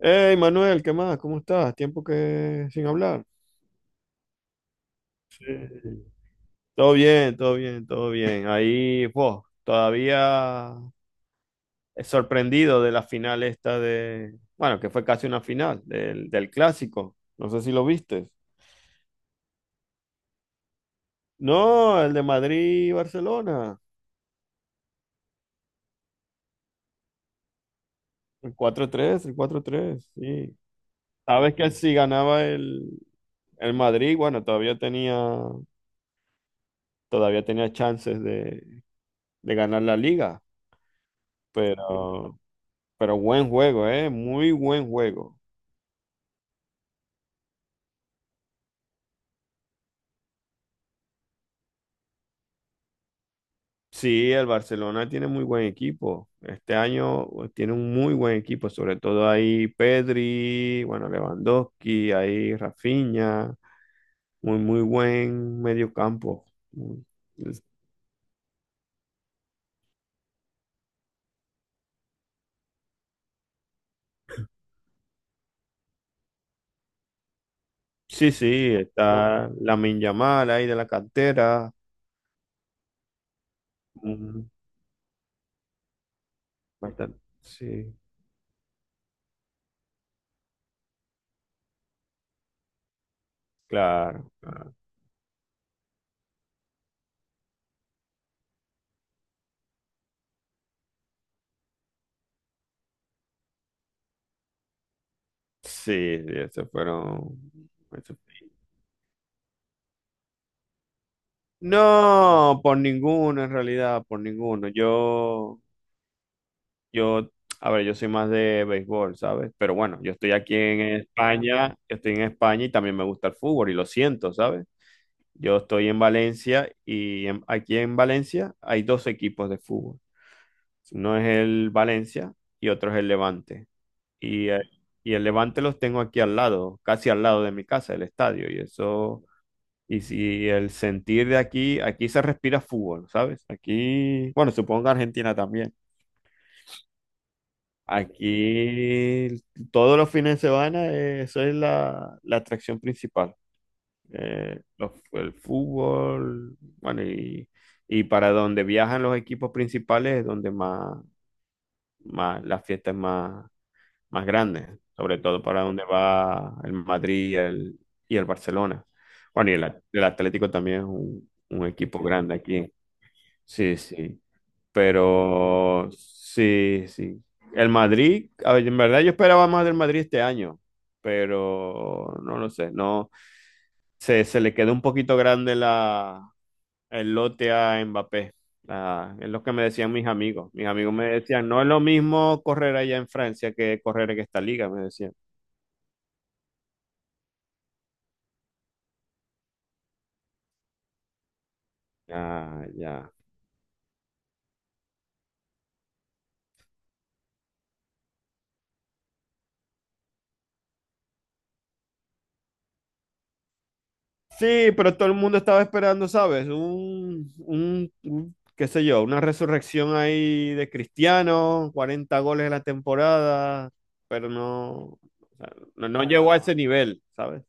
Hey Manuel, ¿qué más? ¿Cómo estás? Tiempo que sin hablar. Todo bien, todo bien, todo bien. Ahí, vos, todavía sorprendido de la final esta de, bueno, que fue casi una final del clásico. No sé si lo viste. No, el de Madrid-Barcelona. El 4-3, el 4-3. Sí. Sabes que si ganaba el Madrid, bueno, todavía tenía chances de ganar la liga, pero. Pero buen juego, ¿eh? Muy buen juego. Sí, el Barcelona tiene muy buen equipo. Este año pues, tiene un muy buen equipo, sobre todo ahí Pedri, bueno, Lewandowski, ahí Rafinha, muy, muy buen medio campo. Sí, sí, está Lamine Yamal ahí de la cantera. Mm, Sí, claro, claro. Sí, sí, esos fueron, esos No, por ninguno en realidad, por ninguno. Yo, a ver, yo soy más de béisbol, ¿sabes? Pero bueno, yo estoy aquí en España, yo estoy en España y también me gusta el fútbol y lo siento, ¿sabes? Yo estoy en Valencia y aquí en Valencia hay dos equipos de fútbol. Uno es el Valencia y otro es el Levante. Y, eh, y el Levante los tengo aquí al lado, casi al lado de mi casa, el estadio. Y eso. Y si el sentir de aquí, aquí se respira fútbol, ¿sabes? Aquí, bueno, supongo que Argentina también. Aquí todos los fines de semana, eso es la atracción principal. El fútbol, bueno, y para donde viajan los equipos principales es donde más las fiestas más grandes, sobre todo para donde va el Madrid y el Barcelona. Bueno, y el Atlético también es un equipo grande aquí. Sí, sí, pero sí, sí. El Madrid, a ver, en verdad yo esperaba más del Madrid este año, pero no lo sé, no, se le quedó un poquito grande el lote a Mbappé. Es lo que me decían mis amigos. Mis amigos me decían, no es lo mismo correr allá en Francia que correr en esta liga, me decían. Ya, ya. Sí, pero todo el mundo estaba esperando, ¿sabes? Qué sé yo, una resurrección ahí de Cristiano, 40 goles en la temporada, pero no, o sea, no, no llegó a ese nivel, ¿sabes?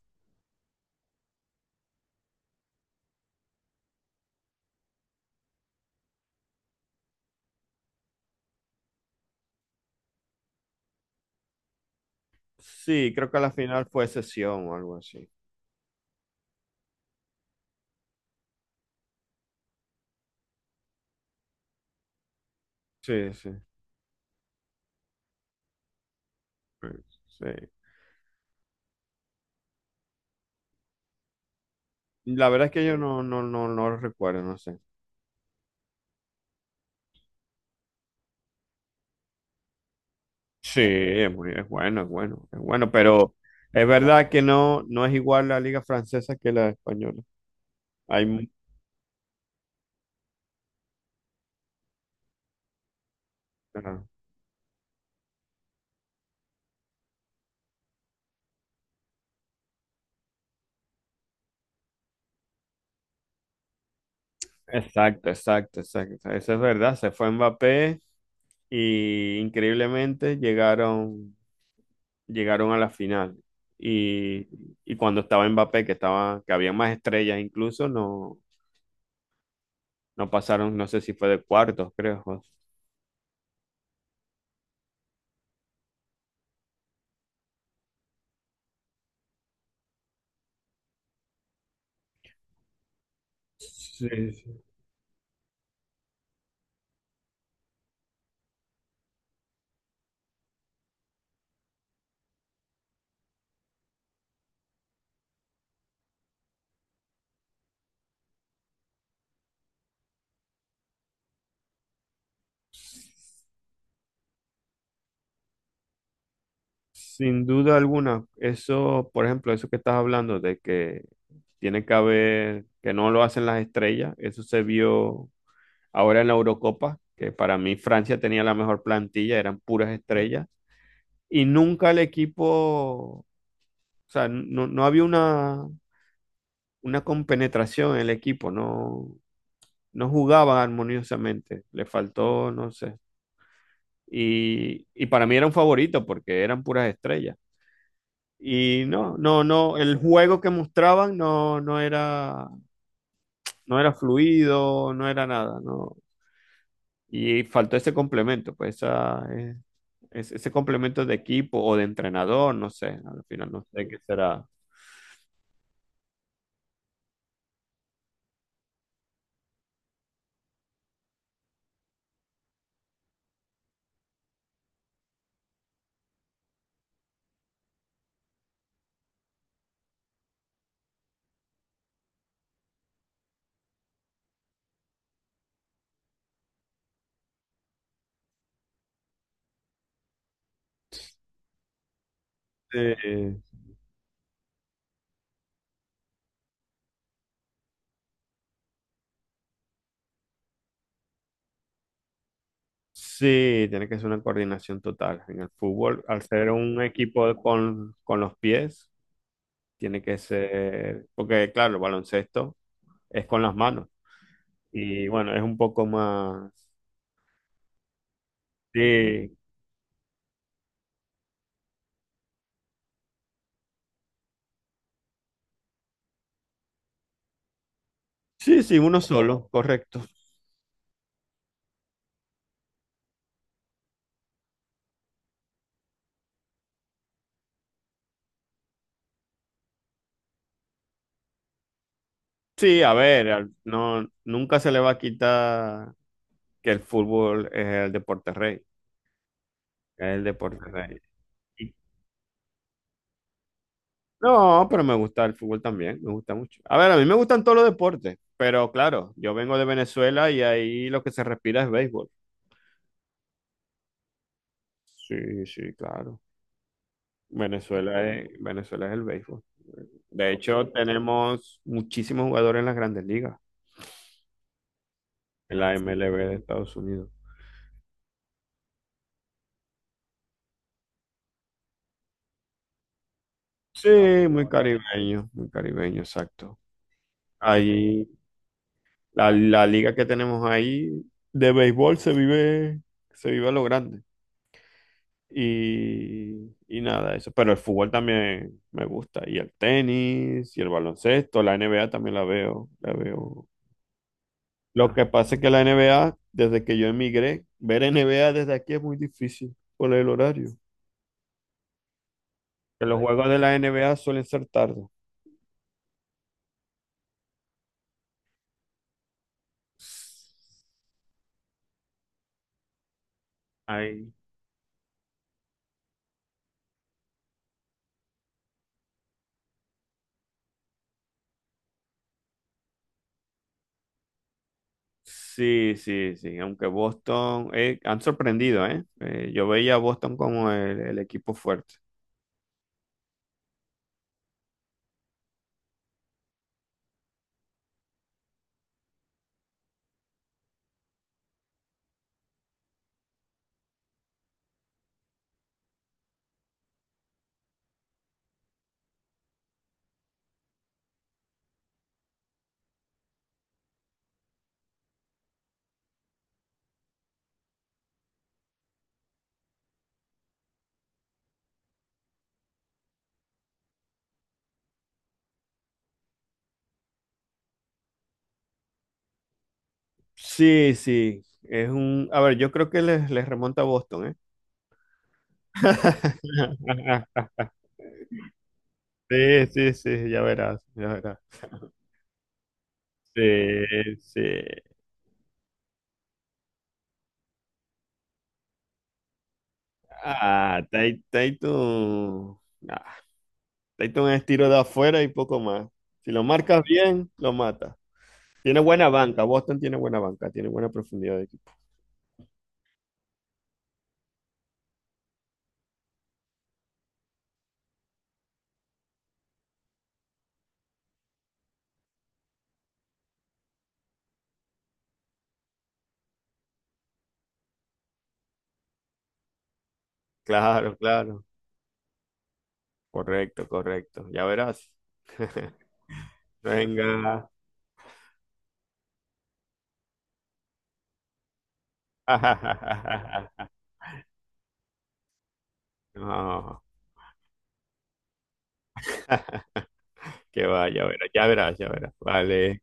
Sí, creo que a la final fue sesión o algo así. Sí, sí, sí. La verdad es que yo no lo recuerdo, no sé. Sí, es bueno, es bueno, es bueno, pero es verdad que no es igual la liga francesa que la española. Hay, mu- Ajá. Exacto, exacto, exacto. Eso es verdad. Se fue Mbappé y increíblemente llegaron a la final. Y, y cuando estaba Mbappé, que había más estrellas incluso, no, pasaron, no sé si fue de cuartos, creo. Sí, sí. Sin duda alguna, eso, por ejemplo, eso que estás hablando de que tiene que haber, que no lo hacen las estrellas, eso se vio ahora en la Eurocopa, que para mí Francia tenía la mejor plantilla, eran puras estrellas y nunca el equipo, o sea, no había una compenetración en el equipo, no jugaban armoniosamente, le faltó, no sé. Y para mí era un favorito porque eran puras estrellas. Y no, no, no, el juego que mostraban no era, no era fluido, no era nada, no. Y faltó ese complemento, pues ese complemento de equipo o de entrenador, no sé, al final no sé qué será. Sí, sí, tiene que ser una coordinación total. En el fútbol, al ser un equipo con los pies, tiene que ser, porque claro, el baloncesto es con las manos. Y bueno, es un poco más. Sí, sí, sí, uno solo, correcto. Sí, a ver, no, nunca se le va a quitar que el fútbol es el deporte rey, es el deporte rey. Y no, pero me gusta el fútbol también, me gusta mucho. A ver, a mí me gustan todos los deportes, pero claro, yo vengo de Venezuela y ahí lo que se respira es béisbol. Sí, sí, claro. Venezuela es el béisbol. De hecho, tenemos muchísimos jugadores en las grandes ligas, en la MLB de Estados Unidos. Sí, muy caribeño, exacto. Ahí, la liga que tenemos ahí de béisbol se vive a lo grande. Y nada, eso. Pero el fútbol también me gusta. Y el tenis, y el baloncesto, la NBA también la veo. Lo que pasa es que la NBA, desde que yo emigré, ver NBA desde aquí es muy difícil por el horario. Que los juegos de la NBA suelen ser tarde. Ay. Sí, sí, sí. Aunque Boston, han sorprendido, ¿eh? Yo veía a Boston como el equipo fuerte. Sí, sí. A ver, yo creo que les remonta a Boston, ¿eh? Sí, sí, sí, ya verás, ya verás. Sí, sí. Ah, Taito. Ah, Taito es tiro de afuera y poco más. Si lo marcas bien, lo mata. Tiene buena banca, Boston tiene buena banca, tiene buena profundidad de equipo. Claro, claro. Correcto, correcto. Ya verás. Venga. No, que va, ya verás, ya verás, ya verás. Vale,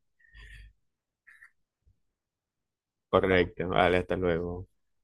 correcto, vale, hasta luego.